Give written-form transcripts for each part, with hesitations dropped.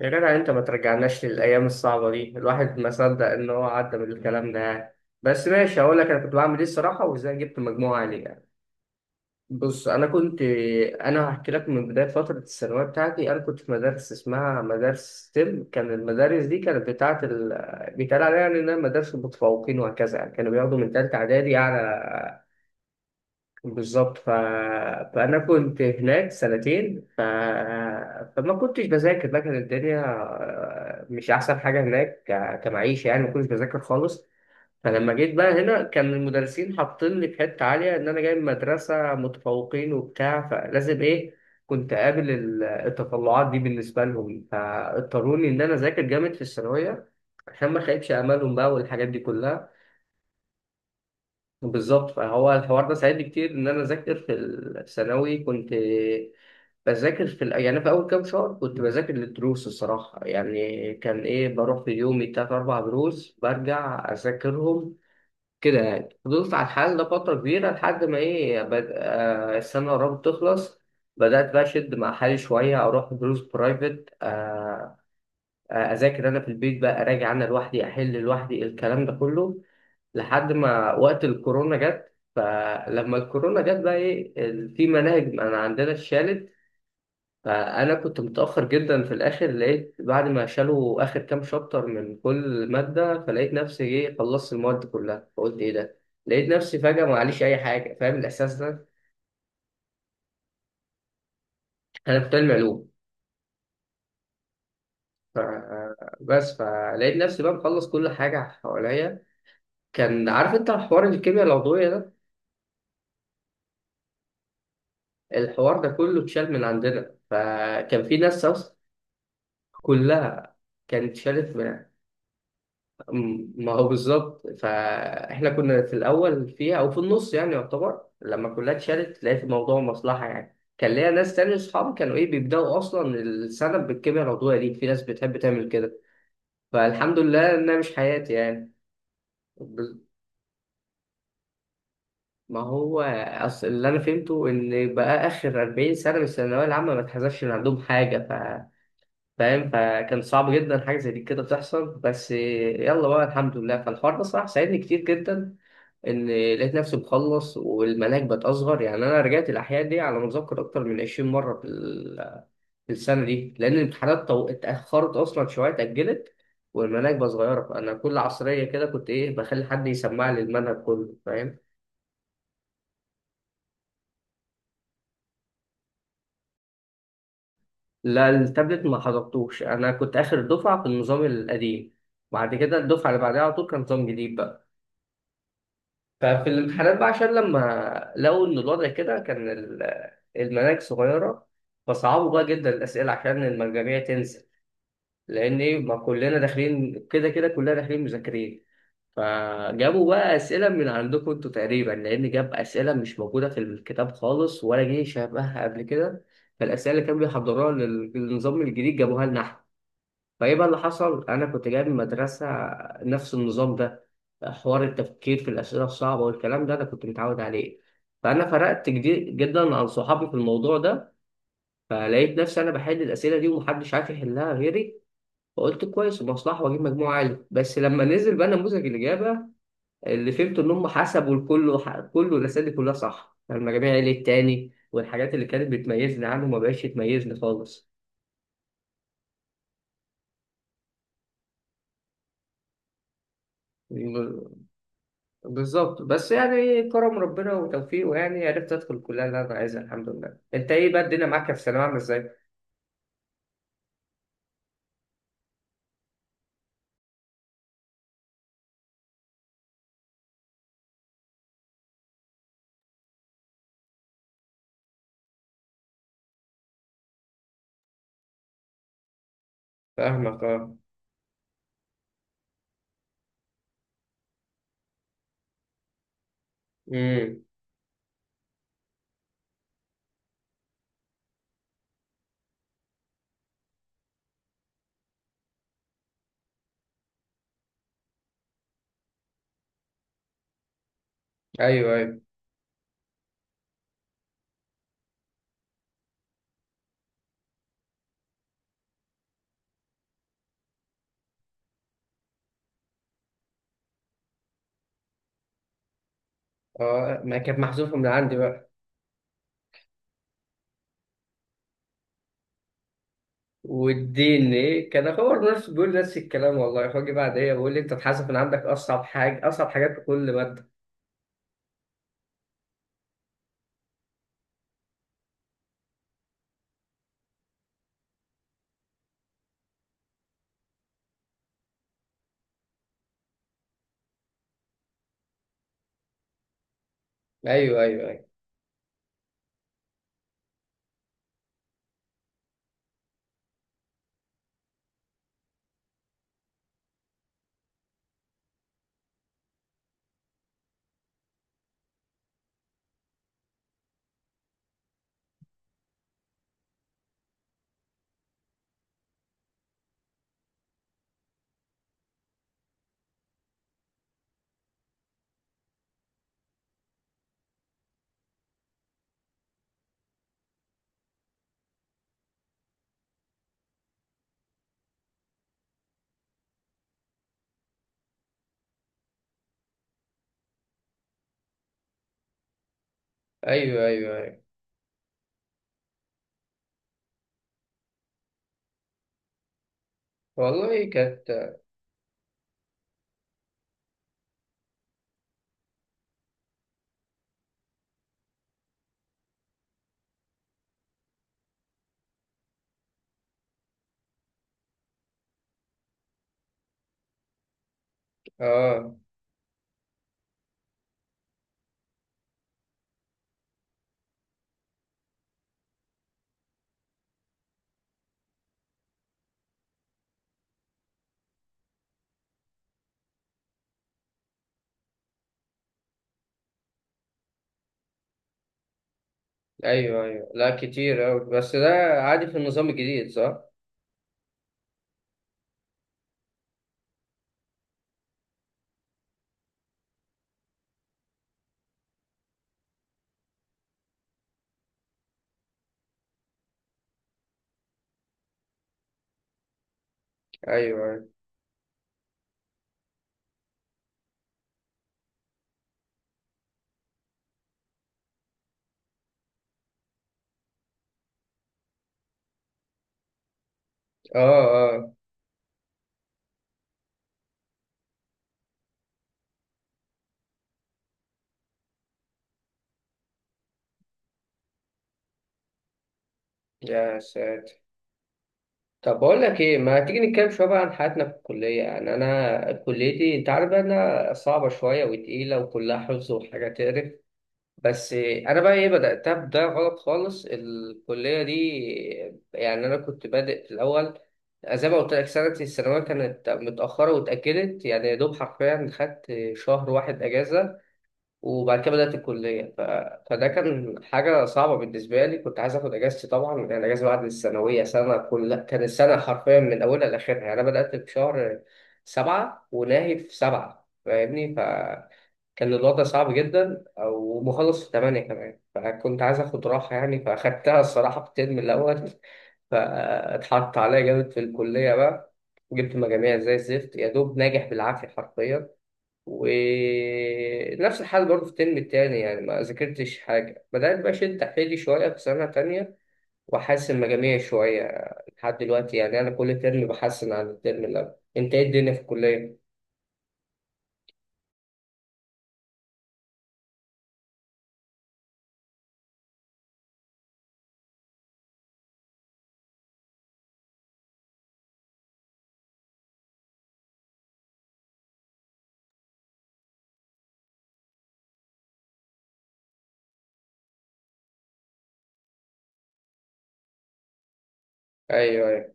يا جدع يعني انت ما ترجعناش للايام الصعبه دي، الواحد ما صدق ان هو عدى من الكلام ده يعني. بس ماشي هقول لك انا كنت بعمل ايه الصراحه وازاي جبت مجموعه عاليه يعني. بص انا كنت، انا هحكي لك من بدايه فتره الثانويه بتاعتي. انا كنت في مدارس اسمها مدارس ستيم، كان المدارس دي كانت بتاعه بيتقال عليها يعني انها مدارس المتفوقين وهكذا يعني، كانوا بياخدوا من ثالثه اعدادي اعلى. بالظبط فأنا كنت هناك سنتين فما كنتش بذاكر بقى. كانت الدنيا مش أحسن حاجة هناك كمعيشة يعني، ما كنتش بذاكر خالص. فلما جيت بقى هنا كان المدرسين حاطين لي في حتة عالية إن أنا جاي من مدرسة متفوقين وبتاع، فلازم إيه، كنت أقابل التطلعات دي بالنسبة لهم، فاضطروني إن أنا أذاكر جامد في الثانوية عشان ما أخيبش أمالهم بقى والحاجات دي كلها. بالظبط، فهو الحوار ده ساعدني كتير ان انا اذاكر في الثانوي. كنت بذاكر في يعني أنا في اول كام شهر كنت بذاكر للدروس الصراحه يعني، كان ايه، بروح في يومي تلات اربع دروس برجع اذاكرهم كده يعني. فضلت على الحال ده فتره كبيره لحد ما ايه، بد... آه السنه قربت تخلص، بدات بقى اشد مع حالي شويه، اروح دروس برايفت، اذاكر انا في البيت بقى، اراجع انا لوحدي، احل لوحدي الكلام ده كله لحد ما وقت الكورونا جت. فلما الكورونا جت بقى ايه، في مناهج انا عندنا اتشالت، فانا كنت متاخر جدا. في الاخر لقيت بعد ما شالوا اخر كام شابتر من كل ماده، فلقيت نفسي ايه، خلصت المواد كلها، فقلت ايه ده، لقيت نفسي فجاه معليش اي حاجه. فاهم الاحساس ده؟ انا كنت علمي علوم. ف- بس فلقيت نفسي بقى مخلص كل حاجه حواليا. كان عارف انت حوار الكيمياء العضويه ده؟ الحوار ده كله اتشال من عندنا، فكان في ناس، كلها كانت شالت ما، ما هو بالظبط. فاحنا كنا في الاول فيها او في النص يعني يعتبر، لما كلها اتشالت لقيت الموضوع مصلحه يعني، كان ليا ناس تانية اصحابي كانوا ايه، بيبداوا اصلا السنه بالكيمياء العضويه دي، في ناس بتحب تعمل كده، فالحمد لله انها مش حياتي يعني. بس- ما هو اصل اللي انا فهمته ان بقى اخر 40 سنه من الثانويه العامه ما اتحذفش من عندهم حاجه، فاهم؟ فكان صعب جدا حاجه زي دي كده تحصل، بس يلا بقى الحمد لله. فالحوار ده صراحه ساعدني كتير جدا، ان لقيت نفسي مخلص والمناهج بقت اصغر يعني. انا رجعت الاحياء دي على ما اتذكر اكتر من 20 مره في في السنه دي لان الامتحانات اتاخرت اصلا شويه، اتاجلت والمناهج بقت صغيره، فانا كل عصريه كده كنت ايه، بخلي حد يسمع لي المنهج كله، فاهم؟ لا التابلت ما حضرتوش، انا كنت اخر دفعه في النظام القديم، بعد كده الدفعه اللي بعدها على طول كان نظام جديد. ففي الامتحانات بقى عشان لما لقوا إن الوضع كده، كان المناهج صغيرة، فصعبوا بقى جدا الأسئلة عشان المجاميع تنزل، لأن إيه، ما كلنا داخلين كده كده كلنا داخلين مذاكرين. فجابوا بقى أسئلة من عندكم أنتوا تقريبا، لأن جاب أسئلة مش موجودة في الكتاب خالص ولا جه شبهها قبل كده. فالأسئلة اللي كانوا بيحضروها للنظام الجديد جابوها لنا إحنا. فايه بقى اللي حصل، انا كنت جاي من مدرسه نفس النظام ده، حوار التفكير في الاسئله الصعبه والكلام ده انا كنت متعود عليه، فانا فرقت كتير جدا عن صحابي في الموضوع ده. فلقيت نفسي انا بحل الاسئله دي ومحدش عارف يحلها غيري، فقلت كويس مصلحه واجيب مجموع عالي. بس لما نزل بقى نموذج الاجابه اللي فهمت ان هم حسبوا الكل، كله الاسئله دي كلها صح، فالمجاميع عالي التاني، والحاجات اللي كانت بتميزني عنه ما بقتش تميزني خالص. بالظبط، بس يعني كرم ربنا وتوفيقه يعني، عرفت ادخل الكليه اللي انا عايزها الحمد لله. انت ايه بقى، الدنيا معاك في الثانويه عامله ازاي؟ فاهمك اه. امم. ايوه ايوه. اه، ما كانت محذوفه من عندي بقى. والدين ايه كان اخبر نفسه بيقول نفس الكلام والله، فاجي بعد ايه بيقول لي انت اتحذف من عندك اصعب حاجه، اصعب حاجات في كل ماده. ايوه ايوه ايوه. ايوه ايوه, أيوة. والله كانت. اه ايوه ايوه، لا كتير اوي بس ده عادي في النظام الجديد صح. ايوه ايوه. اه اه. يا ساتر. طب بقول لك ايه، ما تيجي نتكلم شويه بقى عن حياتنا في الكليه. يعني انا كليتي انت عارف بقى انها صعبه شويه وتقيله وكلها حفظ وحاجه تقرف، بس انا بقى ايه، بداتها بدايه غلط خالص الكليه دي. يعني انا كنت بادئ في الاول زي ما قلت لك سنه الثانويه كانت متاخره واتاجلت يعني، يا دوب حرفيا خدت شهر واحد اجازه وبعد كده بدأت الكلية. فده كان حاجة صعبة بالنسبة لي، كنت عايز آخد أجازتي طبعا، لأن الأجازة بعد الثانوية سنة كل، كان السنة حرفيا من أولها لآخرها. يعني أنا بدأت في شهر سبعة وناهي في سبعة فاهمني، فكان الوضع صعب جدا ومخلص في تمانية كمان، فكنت عايز آخد راحة يعني، فأخدتها الصراحة في الترم الأول. فاتحط عليا جامد في الكلية بقى، جبت مجاميع زي الزفت، يا دوب ناجح بالعافية حرفيا. ونفس الحال برضه في الترم التاني، يعني ما ذاكرتش حاجة. بدأت بقى أشد حيلي شوية في سنة تانية وأحسن مجاميع شوية لحد دلوقتي، يعني أنا كل ترم بحسن عن الترم اللي قبل. أنت إيه الدنيا في الكلية؟ أيوه أيوه.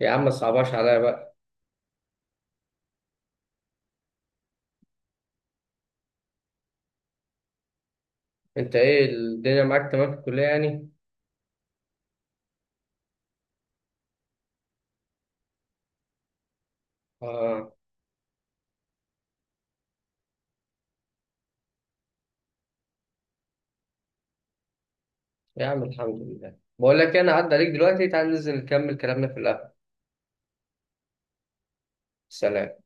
يا عم ما تصعبهاش عليا بقى. أنت إيه الدنيا معاك تمام في الكلية يعني؟ آه. يا عم الحمد لله. بقول لك إيه، أنا عدى عليك دلوقتي، تعال ننزل نكمل كلامنا في القهوة. سلام.